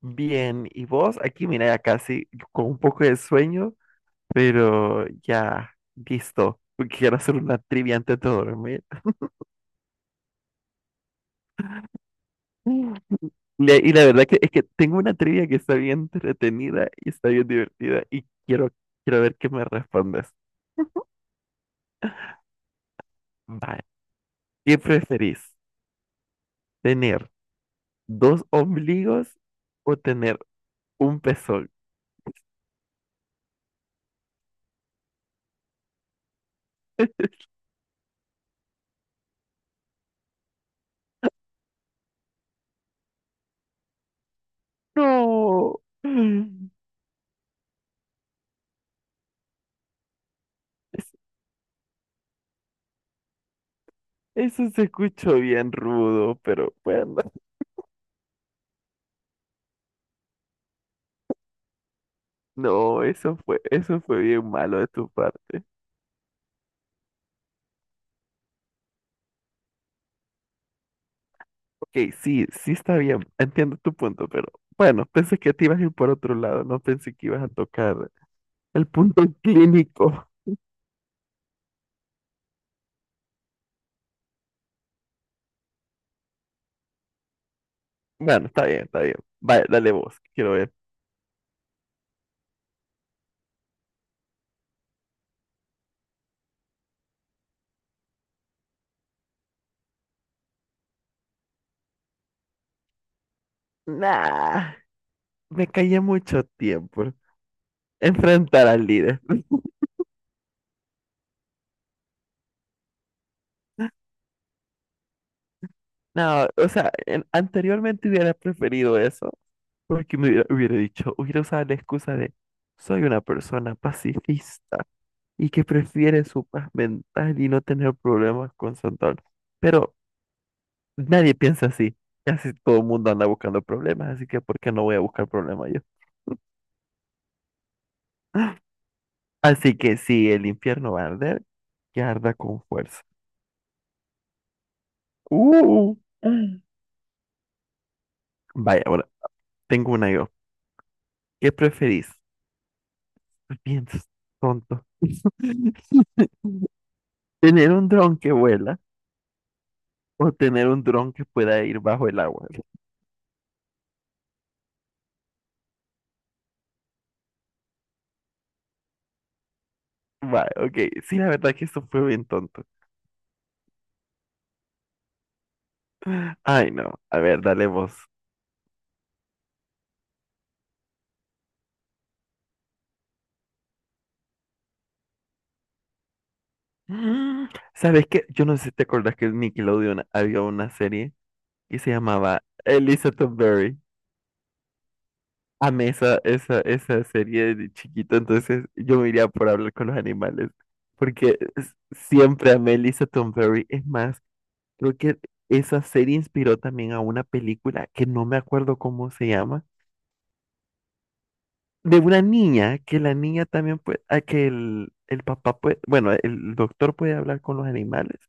Bien, ¿y vos? Aquí, mira, ya casi con un poco de sueño, pero ya listo, porque quiero hacer una trivia antes de dormir. Mm. Y la verdad que es que tengo una trivia que está bien entretenida y está bien divertida y quiero ver qué me respondes. Vale. ¿Qué preferís? ¿Tener dos ombligos o tener un pezón? No. Mm. Es- Eso se escuchó bien rudo, pero bueno. No, eso fue bien malo de tu parte. Ok, sí, sí está bien, entiendo tu punto, pero bueno, pensé que te ibas a ir por otro lado, no pensé que ibas a tocar el punto clínico. Bueno, está bien, está bien. Vale, dale vos, quiero ver. Nah, me callé mucho tiempo. Enfrentar al líder. No, o sea, anteriormente hubiera preferido eso, porque me hubiera dicho, hubiera usado la excusa de, soy una persona pacifista y que prefiere su paz mental y no tener problemas con Santana. Pero nadie piensa así. Casi todo el mundo anda buscando problemas, así que ¿por qué no voy a buscar problemas yo? Así que si el infierno va a arder, que arda con fuerza. Uh, Mm. Vaya, ahora tengo una yo. ¿Qué preferís? Piensas, tonto. ¿Tener un dron que vuela o tener un dron que pueda ir bajo el agua? Vale, ok. Sí, la verdad que esto fue bien tonto. Ay, no. A ver, dale vos. Mm, ¿Sabes qué? Yo no sé si te acordás que en Nickelodeon había una serie que se llamaba Elizabeth Berry. Amé esa serie de chiquito, entonces yo me iría por hablar con los animales, porque siempre amé Elizabeth Berry. Es más, creo que esa serie inspiró también a una película que no me acuerdo cómo se llama, de una niña, que la niña también puede, a que el papá puede, bueno, el doctor puede hablar con los animales,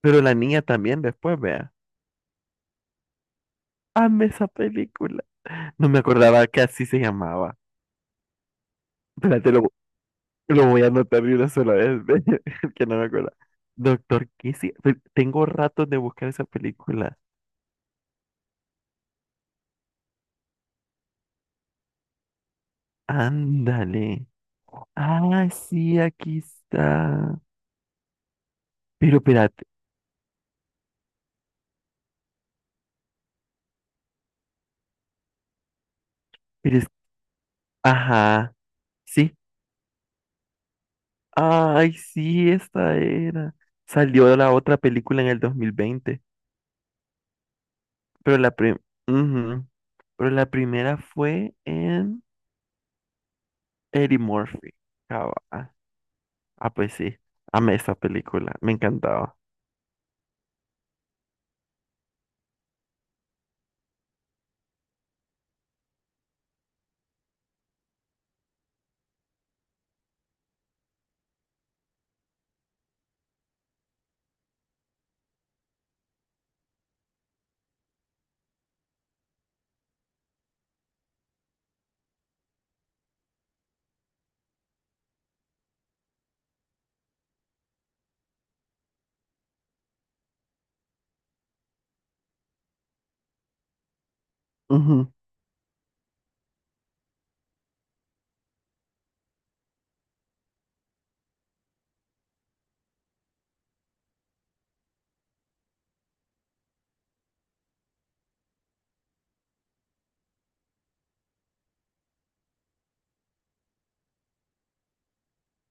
pero la niña también después, vea. Amé esa película. No me acordaba que así se llamaba. Espérate, lo voy a anotar de una sola vez, que no me acuerdo. Doctor Kissy. Tengo ratos de buscar esa película. Ándale. Ah, sí, aquí está. Pero espérate, pero es... Ajá, sí. Ay, sí, esta era. Salió la otra película en el 2020, pero ujú, pero la primera fue en Eddie Murphy. Cabal. Ah, pues sí. Amé esa película. Me encantaba. Ujú.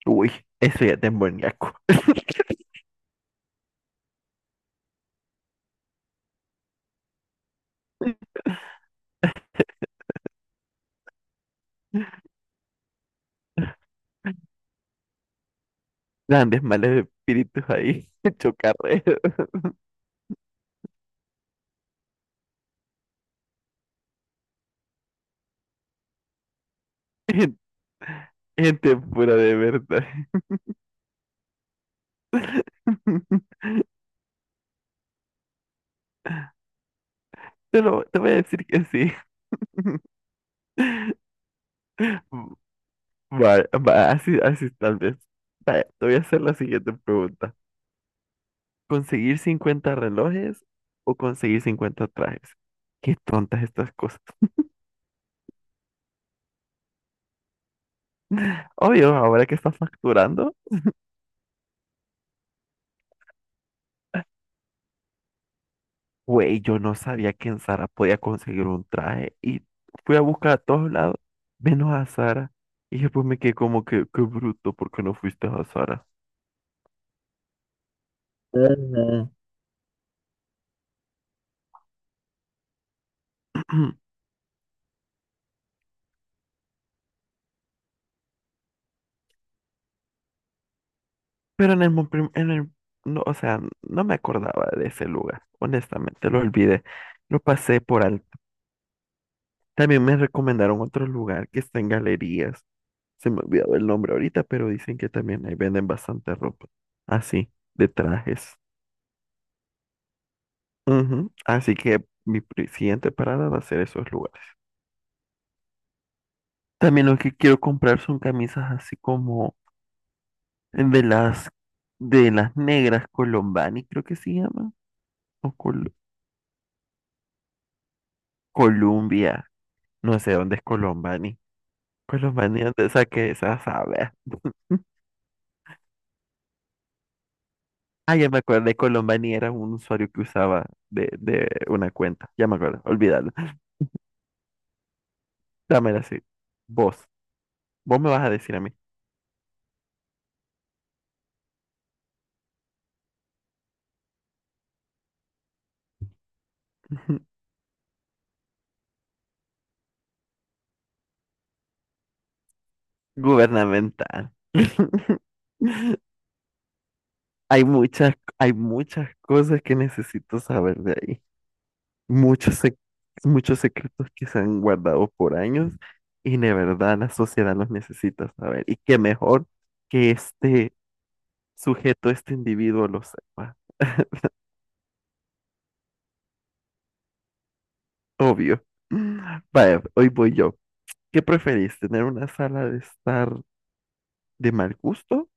Uy, eso ya es demoníaco. Grandes males espíritus ahí. Chocarrero. Gen- Gente pura de verdad. Te voy a decir que sí. Vale, va, así, así tal vez. Vaya, te voy a hacer la siguiente pregunta. ¿Conseguir 50 relojes o conseguir 50 trajes? Qué tontas estas cosas. Obvio, ahora que estás facturando. Güey, yo no sabía que en Zara podía conseguir un traje y fui a buscar a todos lados, menos a Zara. Y después me quedé como que, qué bruto, ¿por qué no fuiste a Zara? Ujú. Pero en el, mo- prim- en el, no, o sea, no me acordaba de ese lugar, honestamente, lo olvidé, lo pasé por alto. También me recomendaron otro lugar que está en galerías, se me olvidó el nombre ahorita, pero dicen que también ahí venden bastante ropa, así, de trajes. Ujú. Así que mi siguiente parada va a ser esos lugares. También lo que quiero comprar son camisas así como de las de las negras Colombani, creo que se llaman, o Columbia, no sé dónde es Colombani. Colombani, ¿dónde saqué esa sabe? Ah, ya me acordé, Colombani era un usuario que usaba de una cuenta. Ya me acuerdo, olvídalo. Dámela así. Vos, vos me vas a decir a mí. Gubernamental. Hay muchas, hay muchas cosas que necesito saber de ahí. Muchos, sec- muchos secretos que se han guardado por años y de verdad la sociedad los necesita saber. Y qué mejor que este sujeto, este individuo lo sepa. Obvio. Vaya, hoy voy yo. ¿Qué preferís, tener una sala de estar de mal gusto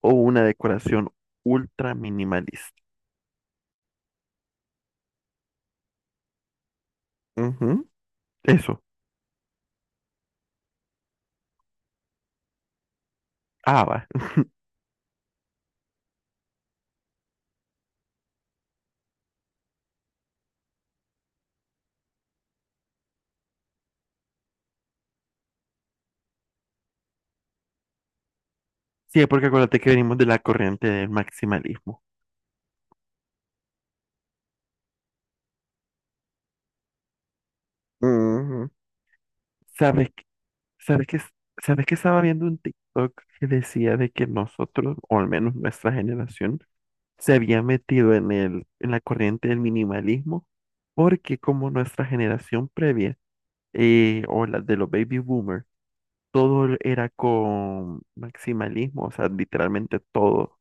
o una decoración ultra minimalista? Ujú, eso. Ah, va. Sí, porque acuérdate que venimos de la corriente del maximalismo. Ujú. ¿Sabes, qué- sabes que, sabes que estaba viendo un TikTok que decía de que nosotros, o al menos nuestra generación, se había metido en la corriente del minimalismo, porque como nuestra generación previa, o la de los baby boomers, todo era con maximalismo, o sea, literalmente todo.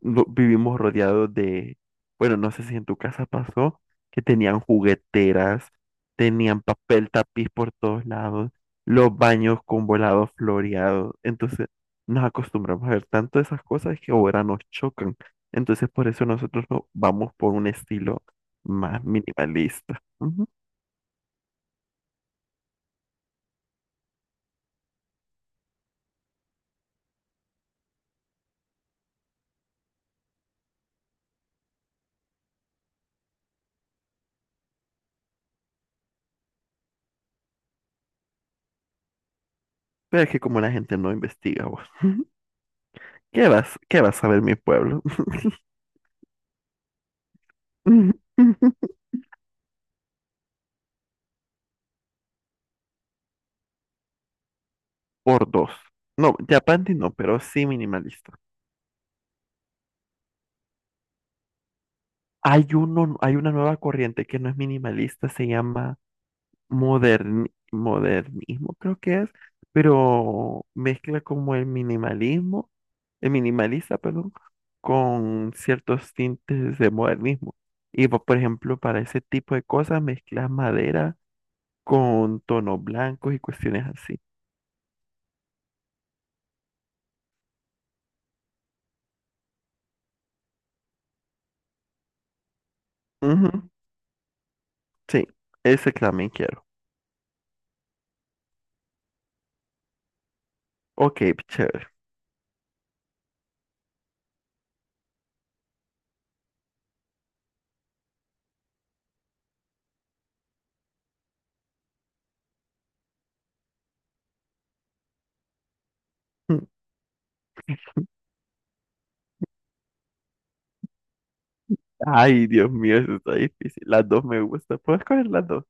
Vivimos rodeados de, bueno, no sé si en tu casa pasó, que tenían jugueteras, tenían papel tapiz por todos lados, los baños con volados floreados. Entonces, nos acostumbramos a ver tanto esas cosas que ahora nos chocan. Entonces, por eso nosotros vamos por un estilo más minimalista. Ujú. Pero es que como la gente no investiga, vos, ¿qué vas a ver mi pueblo? Por dos. No, Japandi no, pero sí minimalista. Hay uno, hay una nueva corriente que no es minimalista, se llama modernismo, creo que es, pero mezcla como el minimalismo, el minimalista, perdón, con ciertos tintes de modernismo. Y por ejemplo, para ese tipo de cosas mezclas madera con tonos blancos y cuestiones así. Ujú. Sí, ese también quiero. Ok, chévere. Ay, Dios mío, eso está difícil. Las dos me gustan. ¿Puedes escoger las dos?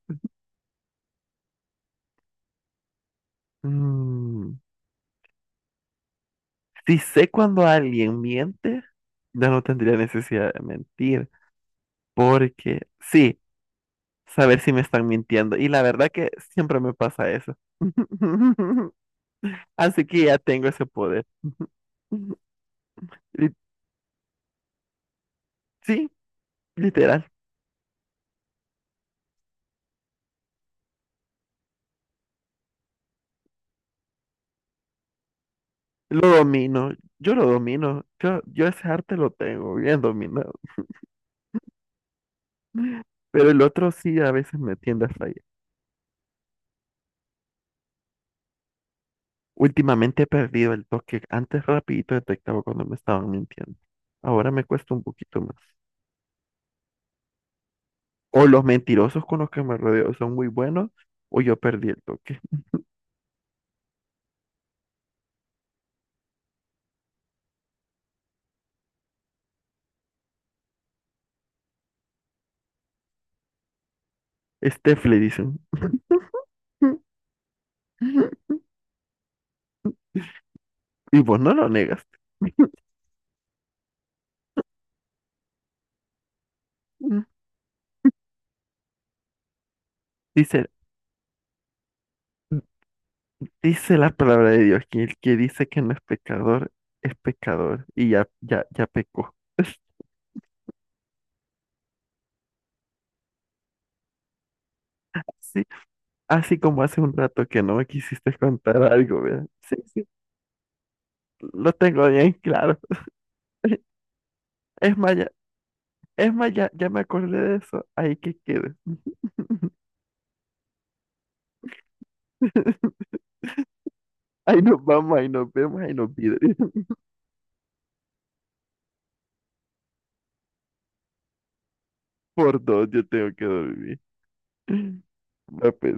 Mm. Si sé cuando alguien miente, ya no tendría necesidad de mentir, porque sí, saber si me están mintiendo. Y la verdad que siempre me pasa eso. Así que ya tengo ese poder. Y sí, literal, lo domino, yo lo domino, yo ese arte lo tengo bien dominado, pero el otro sí a veces me tiende a fallar. Últimamente he perdido el toque, antes rapidito detectaba cuando me estaban mintiendo, ahora me cuesta un poquito más. O los mentirosos con los que me rodeo son muy buenos, o yo perdí el toque. Steph le dicen. Y vos no lo negas. Dice, dice la palabra de Dios, que el que dice que no es pecador, es pecador. Y ya, ya, ya pecó. Sí, así como hace un rato que no me quisiste contar algo, ¿verdad? Sí, sí, lo tengo bien claro. Es más, ya, es más, ya, ya me acordé de eso. Ahí que quede. Ahí nos vamos, ahí nos vemos, ahí nos pide. Por dos yo tengo que dormir. No, pues,